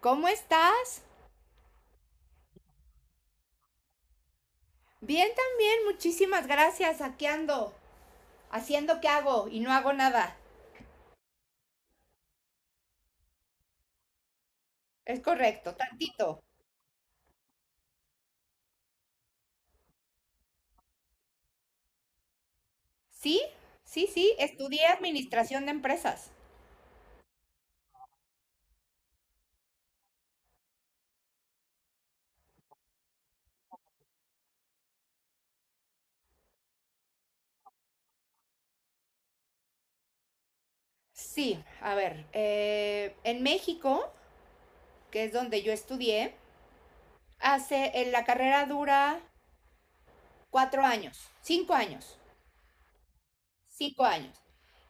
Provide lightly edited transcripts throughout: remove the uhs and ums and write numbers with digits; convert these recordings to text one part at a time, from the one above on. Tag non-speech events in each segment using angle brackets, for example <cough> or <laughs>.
¿Cómo estás? Bien también, muchísimas gracias. Aquí ando, haciendo qué hago y no hago nada. Es correcto, tantito. ¿Sí? Sí, sí, estudié administración de empresas. Sí, a ver, en México, que es donde yo estudié, hace, en la carrera dura 4 años, 5 años, 5 años.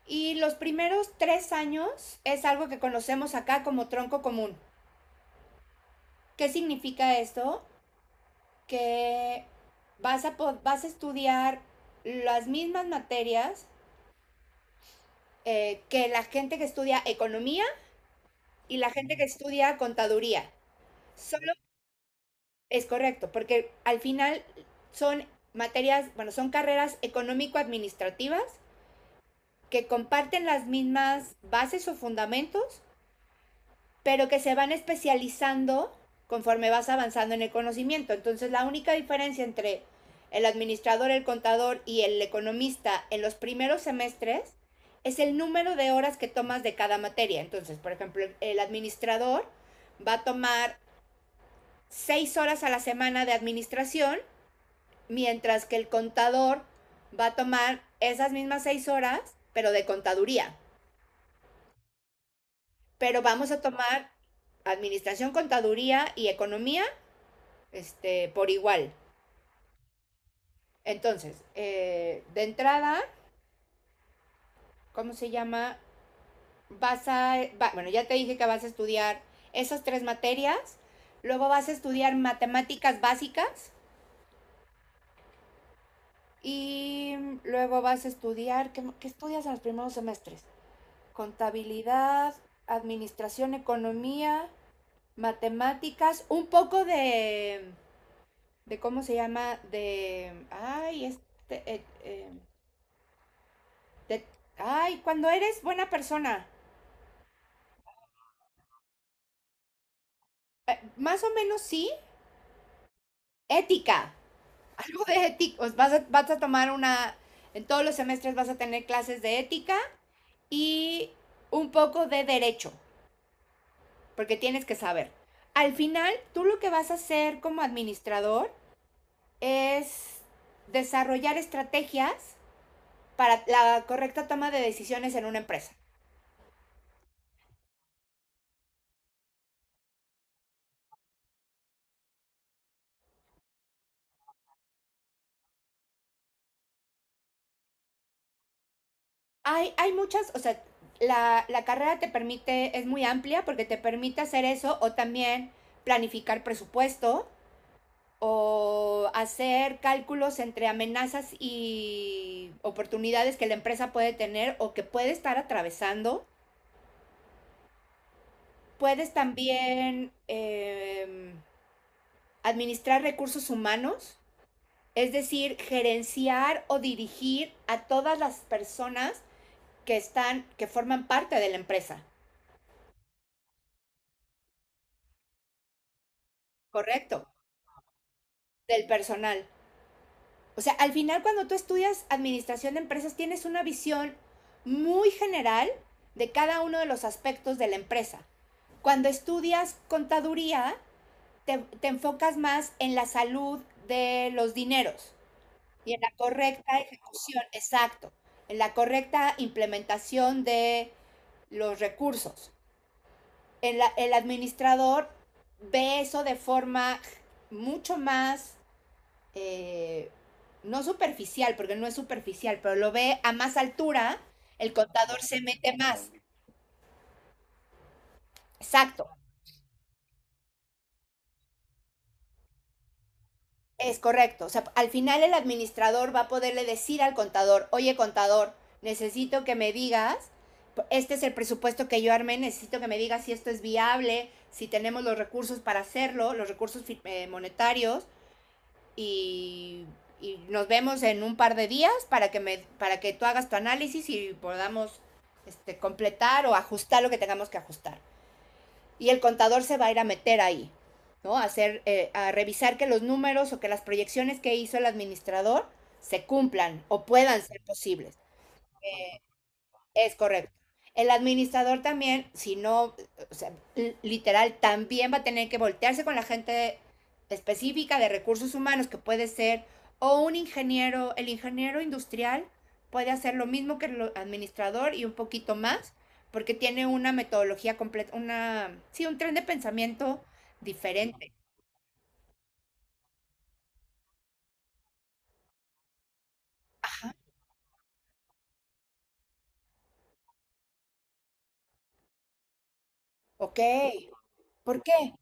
Y los primeros 3 años es algo que conocemos acá como tronco común. ¿Qué significa esto? Que vas a estudiar las mismas materias que la gente que estudia economía y la gente que estudia contaduría. Solo es correcto, porque al final son materias, bueno, son carreras económico-administrativas que comparten las mismas bases o fundamentos, pero que se van especializando conforme vas avanzando en el conocimiento. Entonces, la única diferencia entre el administrador, el contador y el economista en los primeros semestres es el número de horas que tomas de cada materia. Entonces, por ejemplo, el administrador va a tomar 6 horas a la semana de administración, mientras que el contador va a tomar esas mismas 6 horas, pero de contaduría. Pero vamos a tomar administración, contaduría y economía por igual. Entonces, de entrada, ¿cómo se llama? Bueno, ya te dije que vas a estudiar esas tres materias, luego vas a estudiar matemáticas básicas y luego vas a estudiar, ¿qué, qué estudias en los primeros semestres? Contabilidad, administración, economía, matemáticas, un poco de, ¿cómo se llama? De, ay, eh, eh, Te- ay, cuando eres buena persona. Más o menos sí. Ética. <laughs> Algo de ética. Vas a tomar una... En todos los semestres vas a tener clases de ética y un poco de derecho, porque tienes que saber. Al final, tú lo que vas a hacer como administrador es desarrollar estrategias para la correcta toma de decisiones en una empresa. Hay muchas, o sea, la carrera te permite, es muy amplia porque te permite hacer eso o también planificar presupuesto o hacer cálculos entre amenazas y oportunidades que la empresa puede tener o que puede estar atravesando. Puedes también administrar recursos humanos, es decir, gerenciar o dirigir a todas las personas que forman parte de la empresa. Correcto. Del personal. O sea, al final cuando tú estudias administración de empresas tienes una visión muy general de cada uno de los aspectos de la empresa. Cuando estudias contaduría, te enfocas más en la salud de los dineros y en la correcta ejecución, exacto, en la correcta implementación de los recursos. El administrador ve eso de forma mucho más eh, no superficial, porque no es superficial, pero lo ve a más altura, el contador se mete más. Exacto, es correcto. O sea, al final el administrador va a poderle decir al contador, oye contador, necesito que me digas, este es el presupuesto que yo armé, necesito que me digas si esto es viable, si tenemos los recursos para hacerlo, los recursos monetarios, y, y nos vemos en un par de días para que, me, para que tú hagas tu análisis y podamos completar o ajustar lo que tengamos que ajustar. Y el contador se va a ir a meter ahí, ¿no? A hacer, a revisar que los números o que las proyecciones que hizo el administrador se cumplan o puedan ser posibles. Eh, es correcto. El administrador también, si no, o sea, literal, también va a tener que voltearse con la gente específica de recursos humanos, que puede ser o un ingeniero, el ingeniero industrial puede hacer lo mismo que el administrador y un poquito más, porque tiene una metodología completa, una, sí, un tren de pensamiento diferente. Ok, ¿por qué?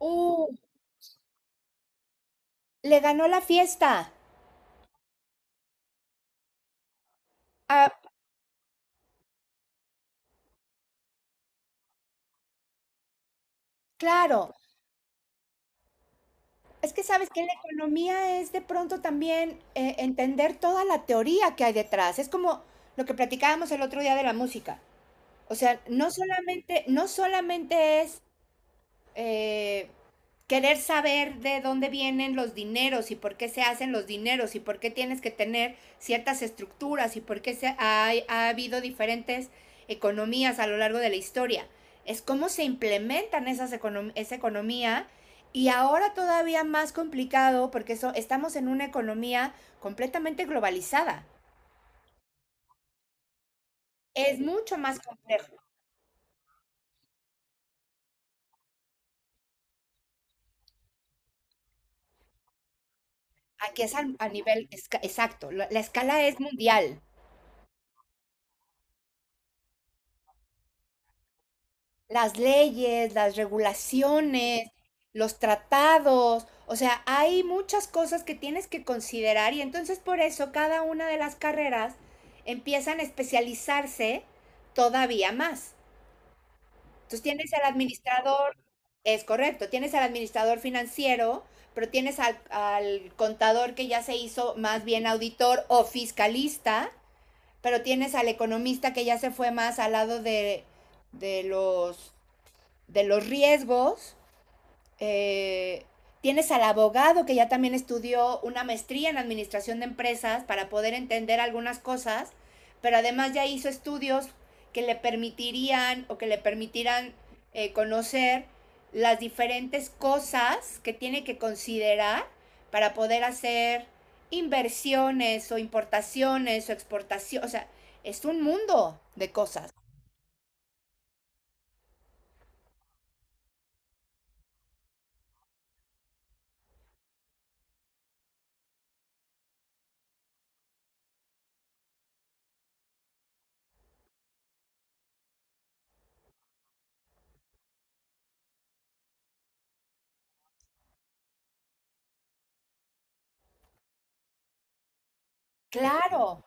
Uh, le ganó la fiesta. Ah, claro. Es que sabes que la economía es de pronto también entender toda la teoría que hay detrás. Es como lo que platicábamos el otro día de la música. O sea, no solamente es eh, querer saber de dónde vienen los dineros y por qué se hacen los dineros y por qué tienes que tener ciertas estructuras y por qué ha habido diferentes economías a lo largo de la historia. Es cómo se implementan esa economía y ahora todavía más complicado porque estamos en una economía completamente globalizada. Es mucho más complejo. Aquí es exacto. La escala es mundial. Las leyes, las regulaciones, los tratados, o sea, hay muchas cosas que tienes que considerar y entonces por eso cada una de las carreras empiezan a especializarse todavía más. Entonces tienes al administrador, es correcto, tienes al administrador financiero, pero tienes al contador que ya se hizo más bien auditor o fiscalista, pero tienes al economista que ya se fue más al lado de los de los riesgos. Eh, tienes al abogado que ya también estudió una maestría en administración de empresas para poder entender algunas cosas, pero además ya hizo estudios que le permitirían o que le permitirán conocer las diferentes cosas que tiene que considerar para poder hacer inversiones o importaciones o exportación, o sea, es un mundo de cosas. Claro.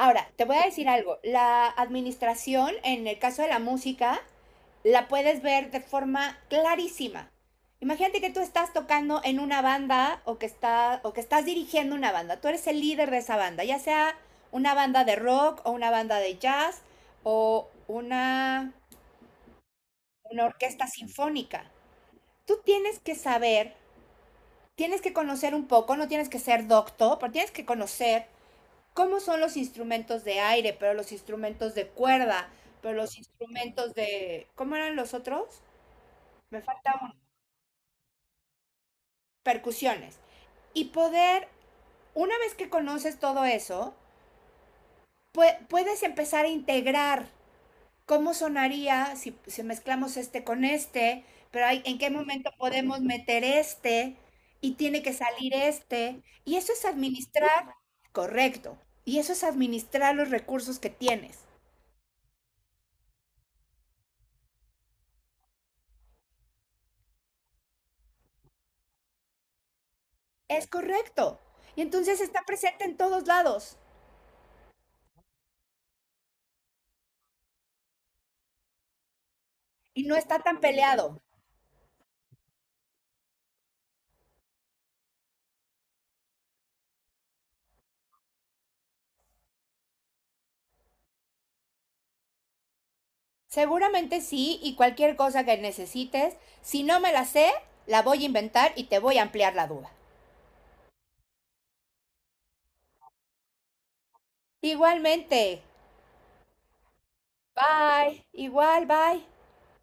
Ahora, te voy a decir algo. La administración, en el caso de la música, la puedes ver de forma clarísima. Imagínate que tú estás tocando en una banda o que, está, o que estás dirigiendo una banda. Tú eres el líder de esa banda, ya sea una banda de rock o una banda de jazz o una orquesta sinfónica. Tú tienes que saber, tienes que conocer un poco, no tienes que ser doctor, pero tienes que conocer cómo son los instrumentos de aire, pero los instrumentos de cuerda, pero los instrumentos de, ¿cómo eran los otros? Me falta uno, percusiones. Y poder, una vez que conoces todo eso, pu puedes empezar a integrar cómo sonaría si mezclamos este con este, pero hay, en qué momento podemos meter este y tiene que salir este. Y eso es administrar, correcto, y eso es administrar los recursos que tienes. Es correcto. Y entonces está presente en todos lados y no está tan peleado. Seguramente sí, y cualquier cosa que necesites, si no me la sé, la voy a inventar y te voy a ampliar la duda. Igualmente. Bye. Igual, bye.